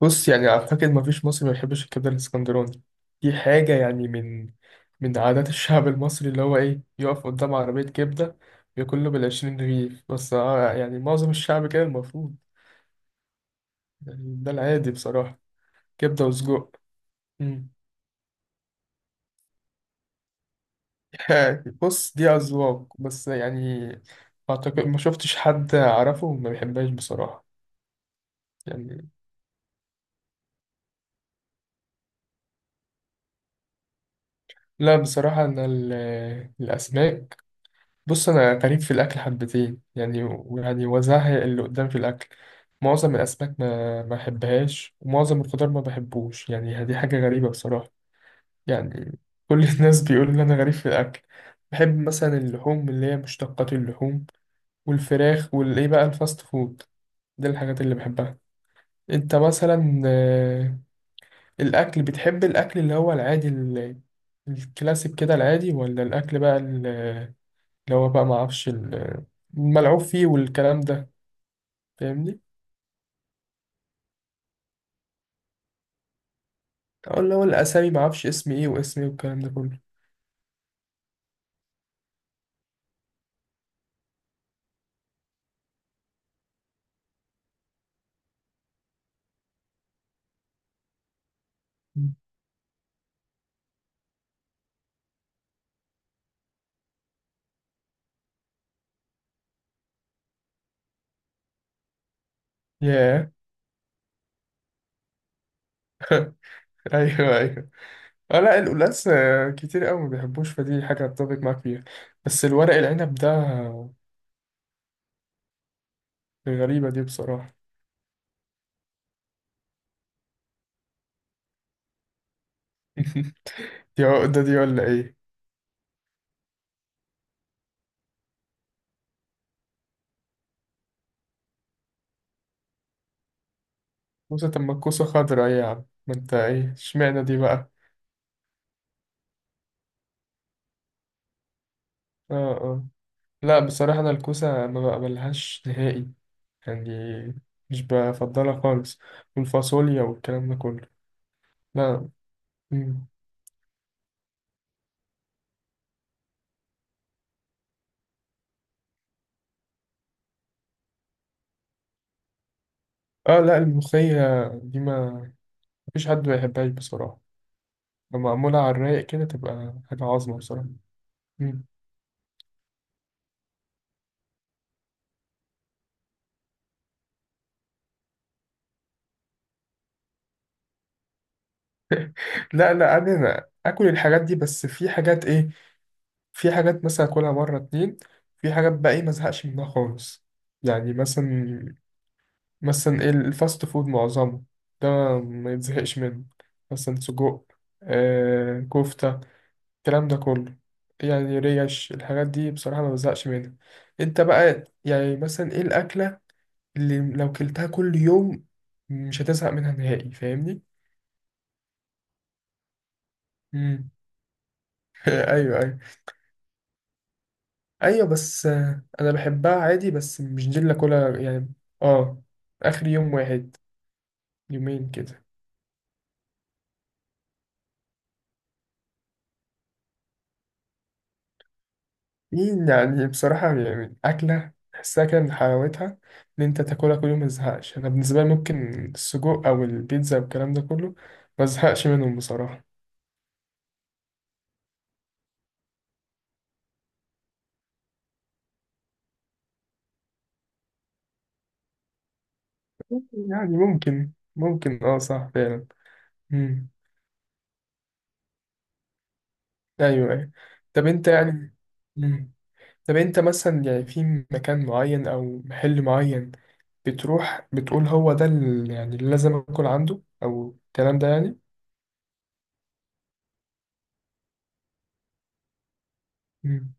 بص يعني أعتقد مفيش مصري ما يحبش الكبدة الإسكندراني. دي حاجة يعني من عادات الشعب المصري اللي هو إيه، يقف قدام عربية كبدة ياكل له بالعشرين رغيف. بس يعني معظم الشعب كده المفروض. يعني ده العادي بصراحة. كبدة وسجق. مم. بص دي أذواق، بس يعني أعتقد ما شفتش حد أعرفه ما بيحبهاش بصراحة. يعني لا بصراحة أنا الأسماك. بص انا غريب في الاكل حبتين، يعني ويعني وزهق اللي قدام في الاكل. معظم الاسماك ما بحبهاش، ومعظم الخضار ما بحبوش، يعني دي حاجه غريبه بصراحه. يعني كل الناس بيقولوا ان انا غريب في الاكل. بحب مثلا اللحوم، اللي هي مشتقات اللحوم والفراخ والايه بقى، الفاست فود. دي الحاجات اللي بحبها. انت مثلا الاكل، بتحب الاكل اللي هو العادي الكلاسيك كده العادي، ولا الاكل بقى اللي هو بقى ما اعرفش الملعوب فيه والكلام ده؟ فاهمني؟ أو اللي هو الاسامي، ما اعرفش اسم ايه واسم ايه والكلام ده كله. ياه. ايوه ايوه. اه، لا القلقاس كتير قوي ما بيحبوش، فدي حاجه اتفق معاك فيها. بس الورق العنب ده. غريبه دي بصراحه. دي عقده دي ولا ايه؟ كوسه؟ طب ما الكوسه خضرا، ايه يا عم؟ ما انت ايه، اشمعنى دي بقى؟ اه اه، لا بصراحه انا الكوسه ما بقبلهاش نهائي. يعني مش بفضلها خالص. والفاصوليا والكلام ده كله. لا. مم. اه، لا الملوخية دي ما مفيش حد ما يحبهاش بصراحة. لما معمولة على الرايق كده تبقى حاجة عظمة بصراحة. مم. لا لا، أنا آكل الحاجات دي، بس في حاجات إيه، في حاجات مثلا آكلها مرة اتنين، في حاجات بقى إيه مزهقش منها خالص. يعني مثلا، مثلا إيه، الفاست فود معظمه ده ما يتزهقش منه. مثلا سجق، كفتة، الكلام ده كله. يعني ريش، الحاجات دي بصراحة ما بزهقش منها. انت بقى يعني مثلا ايه الأكلة اللي لو كلتها كل يوم مش هتزهق منها نهائي؟ فاهمني؟ مم. ايوه ايوه. ايوه، بس انا بحبها عادي، بس مش دي اللي اكلها يعني. اه، اخر يوم واحد، يومين كده. مين يعني بصراحة، يعني أكلة تحسها كده من حلاوتها إن أنت تاكلها كل يوم متزهقش؟ أنا بالنسبة لي ممكن السجق أو البيتزا والكلام ده كله، مزهقش منهم بصراحة. ممكن يعني ممكن اه، صح فعلا. مم. ايوه ايوه. طب انت يعني. مم. طب انت مثلا يعني في مكان معين او محل معين بتروح بتقول هو ده يعني اللي لازم اكل عنده، او الكلام ده يعني؟ مم.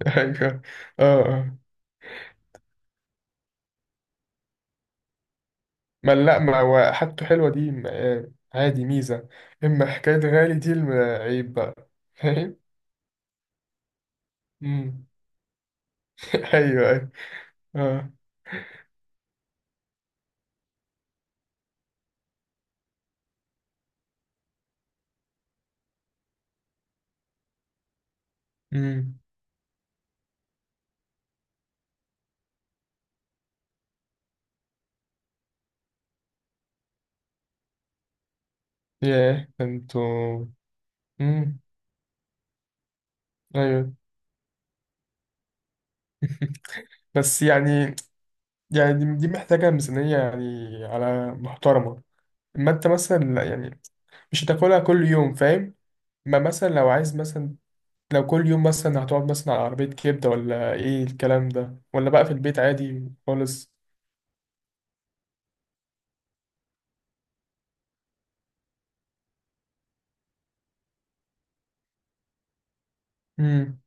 ايوه. اه اه. ما لا، ما هو حاجته حلوه دي عادي، ميزه. اما حكايه غالي دي عيب بقى. فاهم؟ مم. ايوه ايوه. اه. امم. ياه انتوا. امم. ايوه. بس يعني، يعني دي محتاجة ميزانية يعني على محترمة. أما أنت مثلا لا يعني، مش هتاكلها كل يوم فاهم. ما مثلا لو عايز مثلا، لو كل يوم مثلا هتقعد مثلا على عربية كبدة، ولا إيه الكلام ده، ولا بقى في البيت عادي خالص. امم.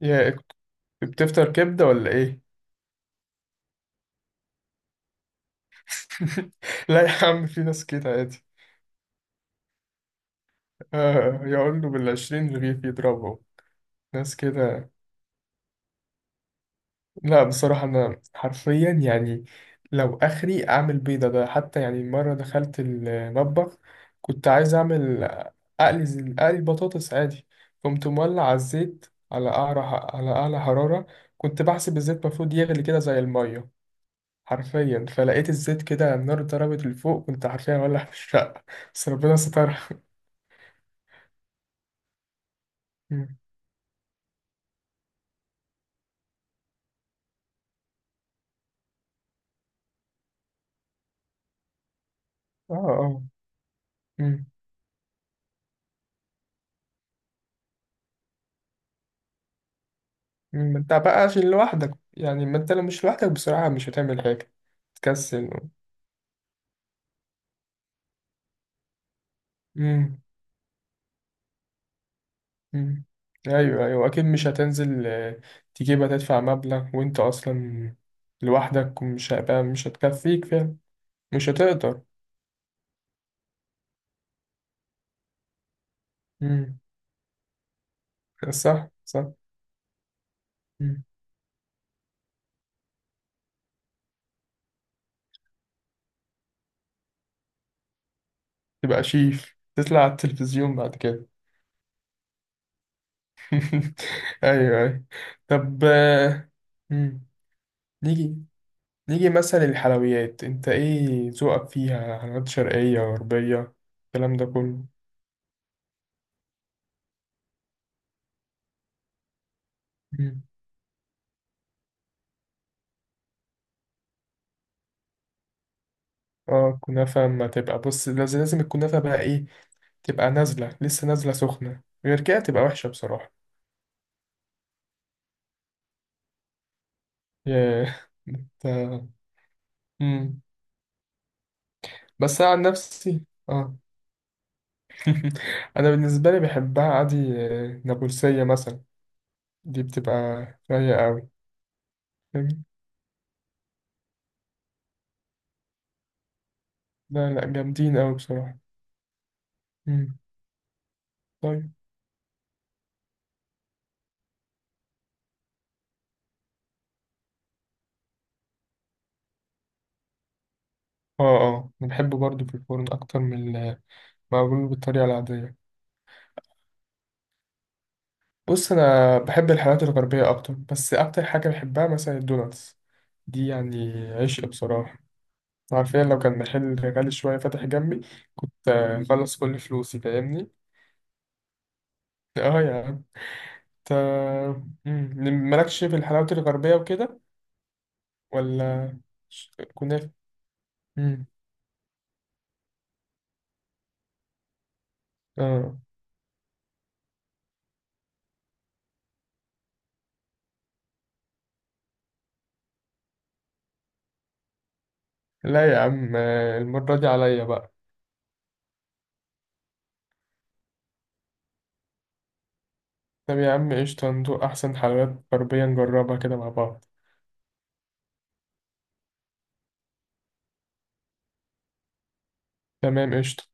يا. بتفطر كبدة ولا إيه؟ لا يا عم، في ناس كده عادي. آه يقول له بالعشرين رغيف يضربه. ناس كده. لا بصراحة أنا حرفيا يعني لو آخري أعمل بيضة، ده حتى يعني مرة دخلت المطبخ كنت عايز أعمل أقلي بطاطس عادي. قمت مولع على الزيت، على أعلى على أعلى حرارة. كنت بحسب الزيت المفروض يغلي كده زي المية حرفيا، فلقيت الزيت كده النار ضربت لفوق. كنت حرفيا مولع في الشقة، بس ربنا سترها. مم. اه اه. مم. مم. ما انت بقى عشان لوحدك يعني، ما انت لو مش لوحدك بصراحة مش هتعمل حاجة. تكسل. امم. امم. ايوه ايوه، اكيد مش هتنزل تجيبها، تدفع مبلغ وانت اصلا لوحدك، ومش هيبقى، مش هتكفيك فعلا. مش هتقدر. امم. صح صح. مم. تبقى شيف، تطلع على التلفزيون بعد كده. ايوه ايوه. طب. مم. نيجي نيجي مثلا الحلويات، انت ايه ذوقك فيها؟ حلويات شرقية، غربية، الكلام ده كله؟ مم. اه، كنافة. ما تبقى بص، لازم لازم الكنافة بقى ايه، تبقى نازلة لسه نازلة سخنة، غير كده تبقى وحشة بصراحة. ياه. انت. مم. بس أنا عن نفسي اه. أنا بالنسبة لي بحبها عادي. نابلسية مثلا دي بتبقى رايقة أوي. فاهم؟ لا لا، جامدين أوي بصراحة. مم. طيب. اه اه، أنا بحبه برضه في الفرن أكتر من المعمول بالطريقة العادية. بص أنا بحب الحلويات الغربية أكتر، بس أكتر حاجة بحبها مثلا الدوناتس، دي يعني عشق بصراحة. حرفيا لو كان محل غالي شوية فاتح جنبي كنت أخلص كل فلوسي. فاهمني؟ اه يا عم. انت. مم. مالكش في الحلاوة الغربية وكده ولا؟ كنافة؟ مم. اه، لا يا عم المرة دي عليا بقى. طب يا عم قشطة، ندوق أحسن حلويات غربية نجربها كده مع بعض. تمام، قشطة.